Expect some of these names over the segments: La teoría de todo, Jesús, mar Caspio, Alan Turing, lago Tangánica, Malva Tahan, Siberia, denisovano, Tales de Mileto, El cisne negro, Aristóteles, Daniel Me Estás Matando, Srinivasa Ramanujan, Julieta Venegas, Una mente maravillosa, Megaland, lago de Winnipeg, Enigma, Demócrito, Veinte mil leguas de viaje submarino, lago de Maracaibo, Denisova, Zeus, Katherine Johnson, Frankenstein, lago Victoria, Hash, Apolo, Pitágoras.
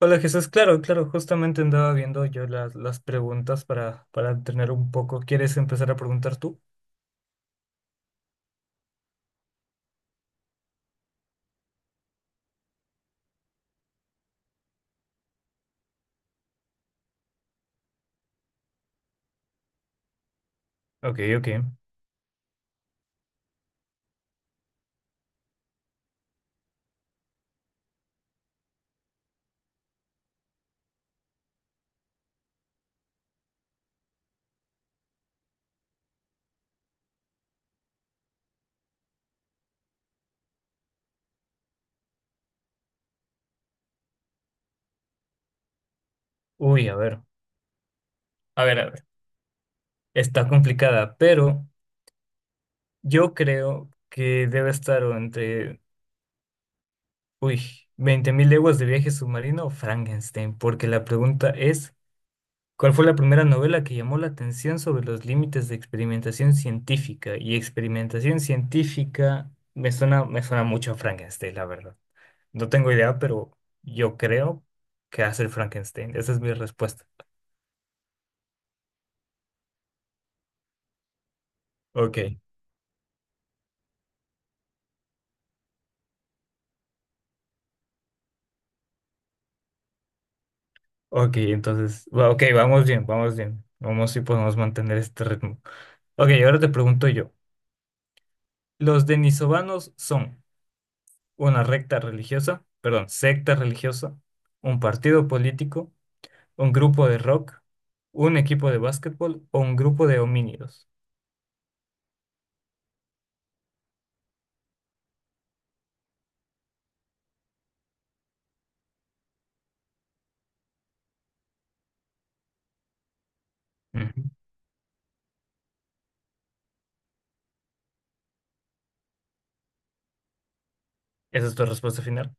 Hola Jesús, claro, claro, justamente andaba viendo yo las preguntas para tener un poco. ¿Quieres empezar a preguntar tú? Ok, ok. Uy, a ver, a ver, a ver. Está complicada, pero yo creo que debe estar o entre, uy, veinte mil leguas de viaje submarino o Frankenstein, porque la pregunta es, ¿cuál fue la primera novela que llamó la atención sobre los límites de experimentación científica? Y experimentación científica me suena mucho a Frankenstein, la verdad. No tengo idea, pero yo creo que hace el Frankenstein. Esa es mi respuesta. Ok, ok, entonces, ok, vamos bien, vamos bien. Vamos si podemos mantener este ritmo. Ok, ahora te pregunto yo. Los denisovanos son una recta religiosa, perdón, secta religiosa, un partido político, un grupo de rock, un equipo de básquetbol o un grupo de homínidos. Ujú. ¿Esa es tu respuesta final?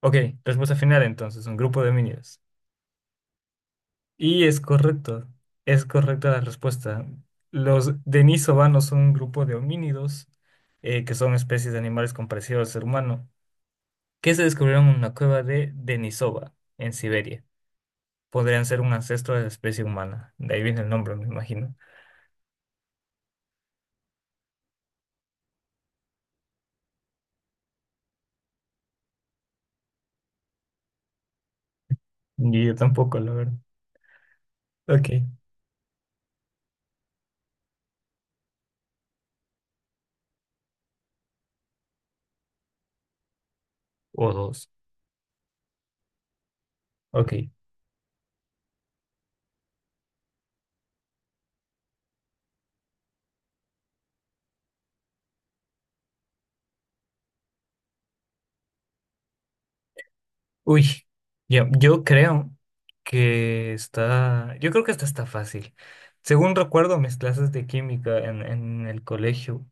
Ok, respuesta final entonces, un grupo de homínidos. Y es correcto, es correcta la respuesta. Los denisovanos son un grupo de homínidos, que son especies de animales con parecido al ser humano, que se descubrieron en una cueva de Denisova, en Siberia. Podrían ser un ancestro de la especie humana. De ahí viene el nombre, me imagino. Y yo tampoco, la verdad. Ok. O dos. Ok. Uy, yo creo que está. Yo creo que esta está fácil. Según recuerdo mis clases de química en el colegio,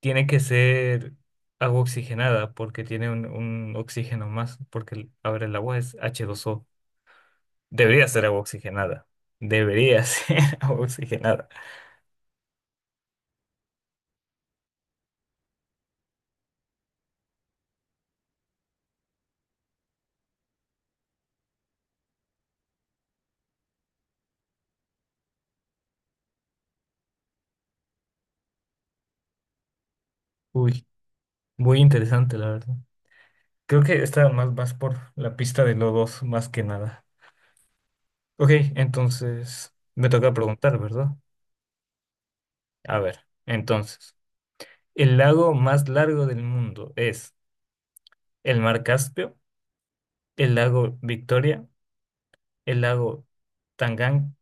tiene que ser agua oxigenada porque tiene un oxígeno más, porque ahora el agua es H2O. Debería ser agua oxigenada. Debería ser agua oxigenada. Uy, muy interesante, la verdad. Creo que está más por la pista de lodos, más que nada. Ok, entonces me toca preguntar, ¿verdad? A ver, entonces, ¿el lago más largo del mundo es el mar Caspio, el lago Victoria, el lago Tangan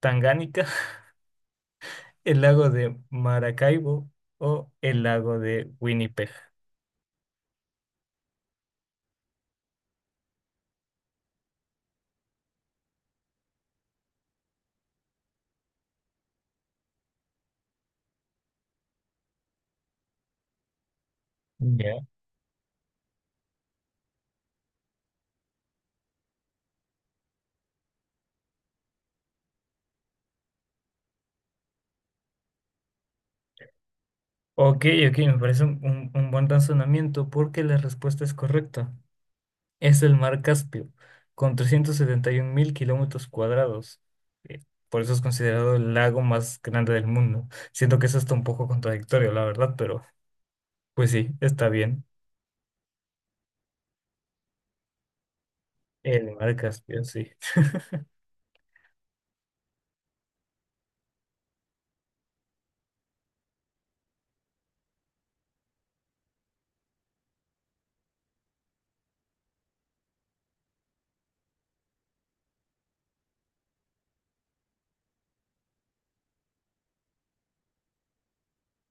Tangánica, el lago de Maracaibo o el lago de Winnipeg? Ya. Ok, ok, me parece un buen razonamiento porque la respuesta es correcta. Es el mar Caspio, con 371 mil kilómetros cuadrados. Eh, Por eso es considerado el lago más grande del mundo. Siento que eso está un poco contradictorio, la verdad, pero pues sí, está bien. El mar Caspio, sí.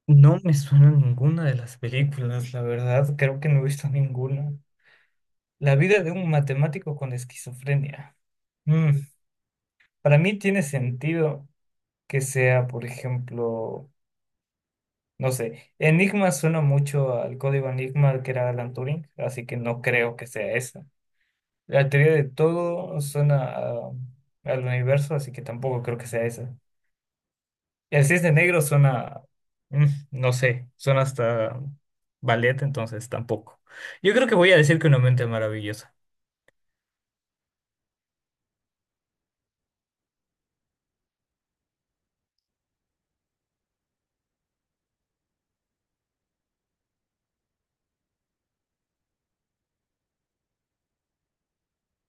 No me suena ninguna de las películas, la verdad, creo que no he visto ninguna. La vida de un matemático con esquizofrenia. Mm, para mí tiene sentido que sea, por ejemplo, no sé, Enigma suena mucho al código Enigma que era Alan Turing, así que no creo que sea esa. La teoría de todo suena al universo, así que tampoco creo que sea esa. El cisne negro suena, mm, no sé, suena hasta ballet, entonces tampoco. Yo creo que voy a decir que una mente maravillosa.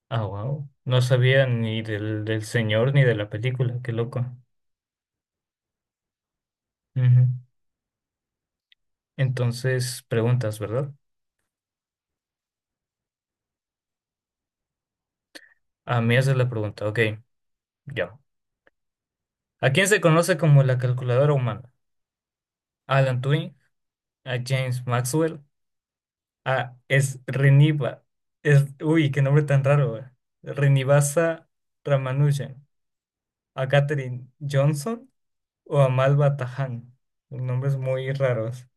Ah, wow. No sabía ni del señor ni de la película, qué loco. Ujú. Entonces, preguntas, ¿verdad? A mí esa es la pregunta, ok, ya. ¿A quién se conoce como la calculadora humana? Alan Turing, a James Maxwell, a Srinivas, es, uy, qué nombre tan raro, güey. Srinivasa Ramanujan, a Katherine Johnson o a Malva Tahan. Los nombres muy raros.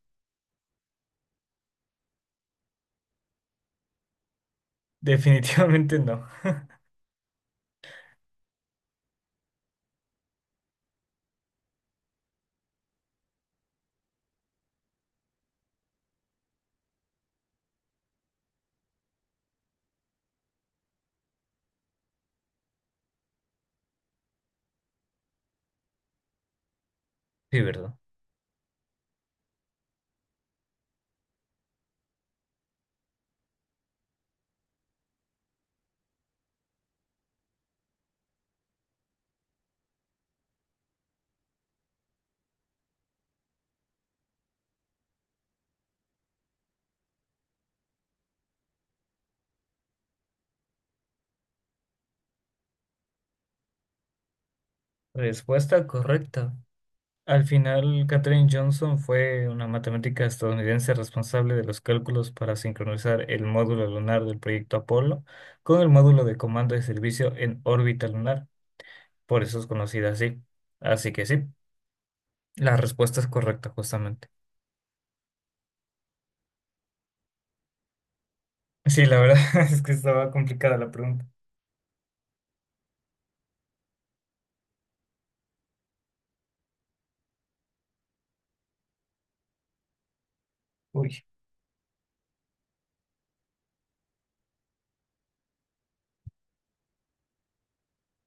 Definitivamente no. Sí, ¿verdad? Respuesta correcta. Al final, Katherine Johnson fue una matemática estadounidense responsable de los cálculos para sincronizar el módulo lunar del proyecto Apolo con el módulo de comando de servicio en órbita lunar. Por eso es conocida así. Así que sí, la respuesta es correcta justamente. Sí, la verdad es que estaba complicada la pregunta. Uy,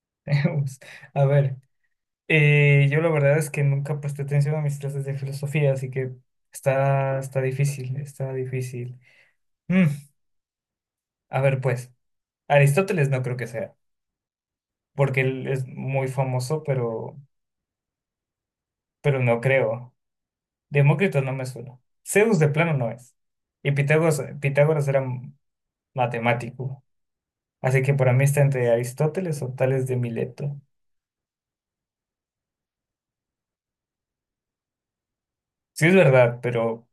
tenemos- a ver, yo la verdad es que nunca presté atención a mis clases de filosofía, así que está difícil, está difícil. Mm, a ver, pues, Aristóteles no creo que sea, porque él es muy famoso, pero no creo. Demócrito no me suena. Zeus de plano no es. Y Pitágoras, Pitágoras era matemático. Así que para mí está entre Aristóteles o Tales de Mileto. Sí es verdad, pero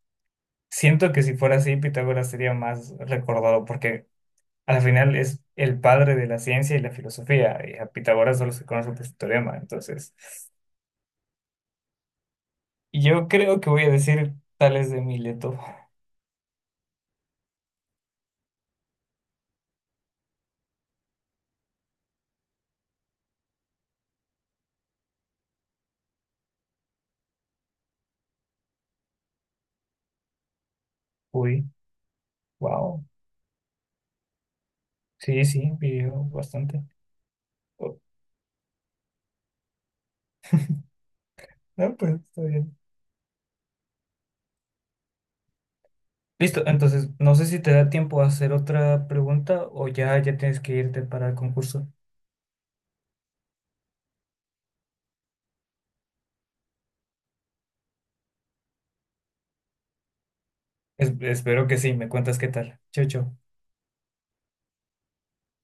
siento que si fuera así, Pitágoras sería más recordado, porque al final es el padre de la ciencia y la filosofía, y a Pitágoras solo se conoce por su teorema. Entonces, yo creo que voy a decir Tales de Mileto. Uy, wow. Sí, sí, vivió bastante. Oh, no, pues está bien. Listo, entonces no sé si te da tiempo a hacer otra pregunta o ya, ya tienes que irte para el concurso. Espero que sí, me cuentas qué tal. Chau, chau.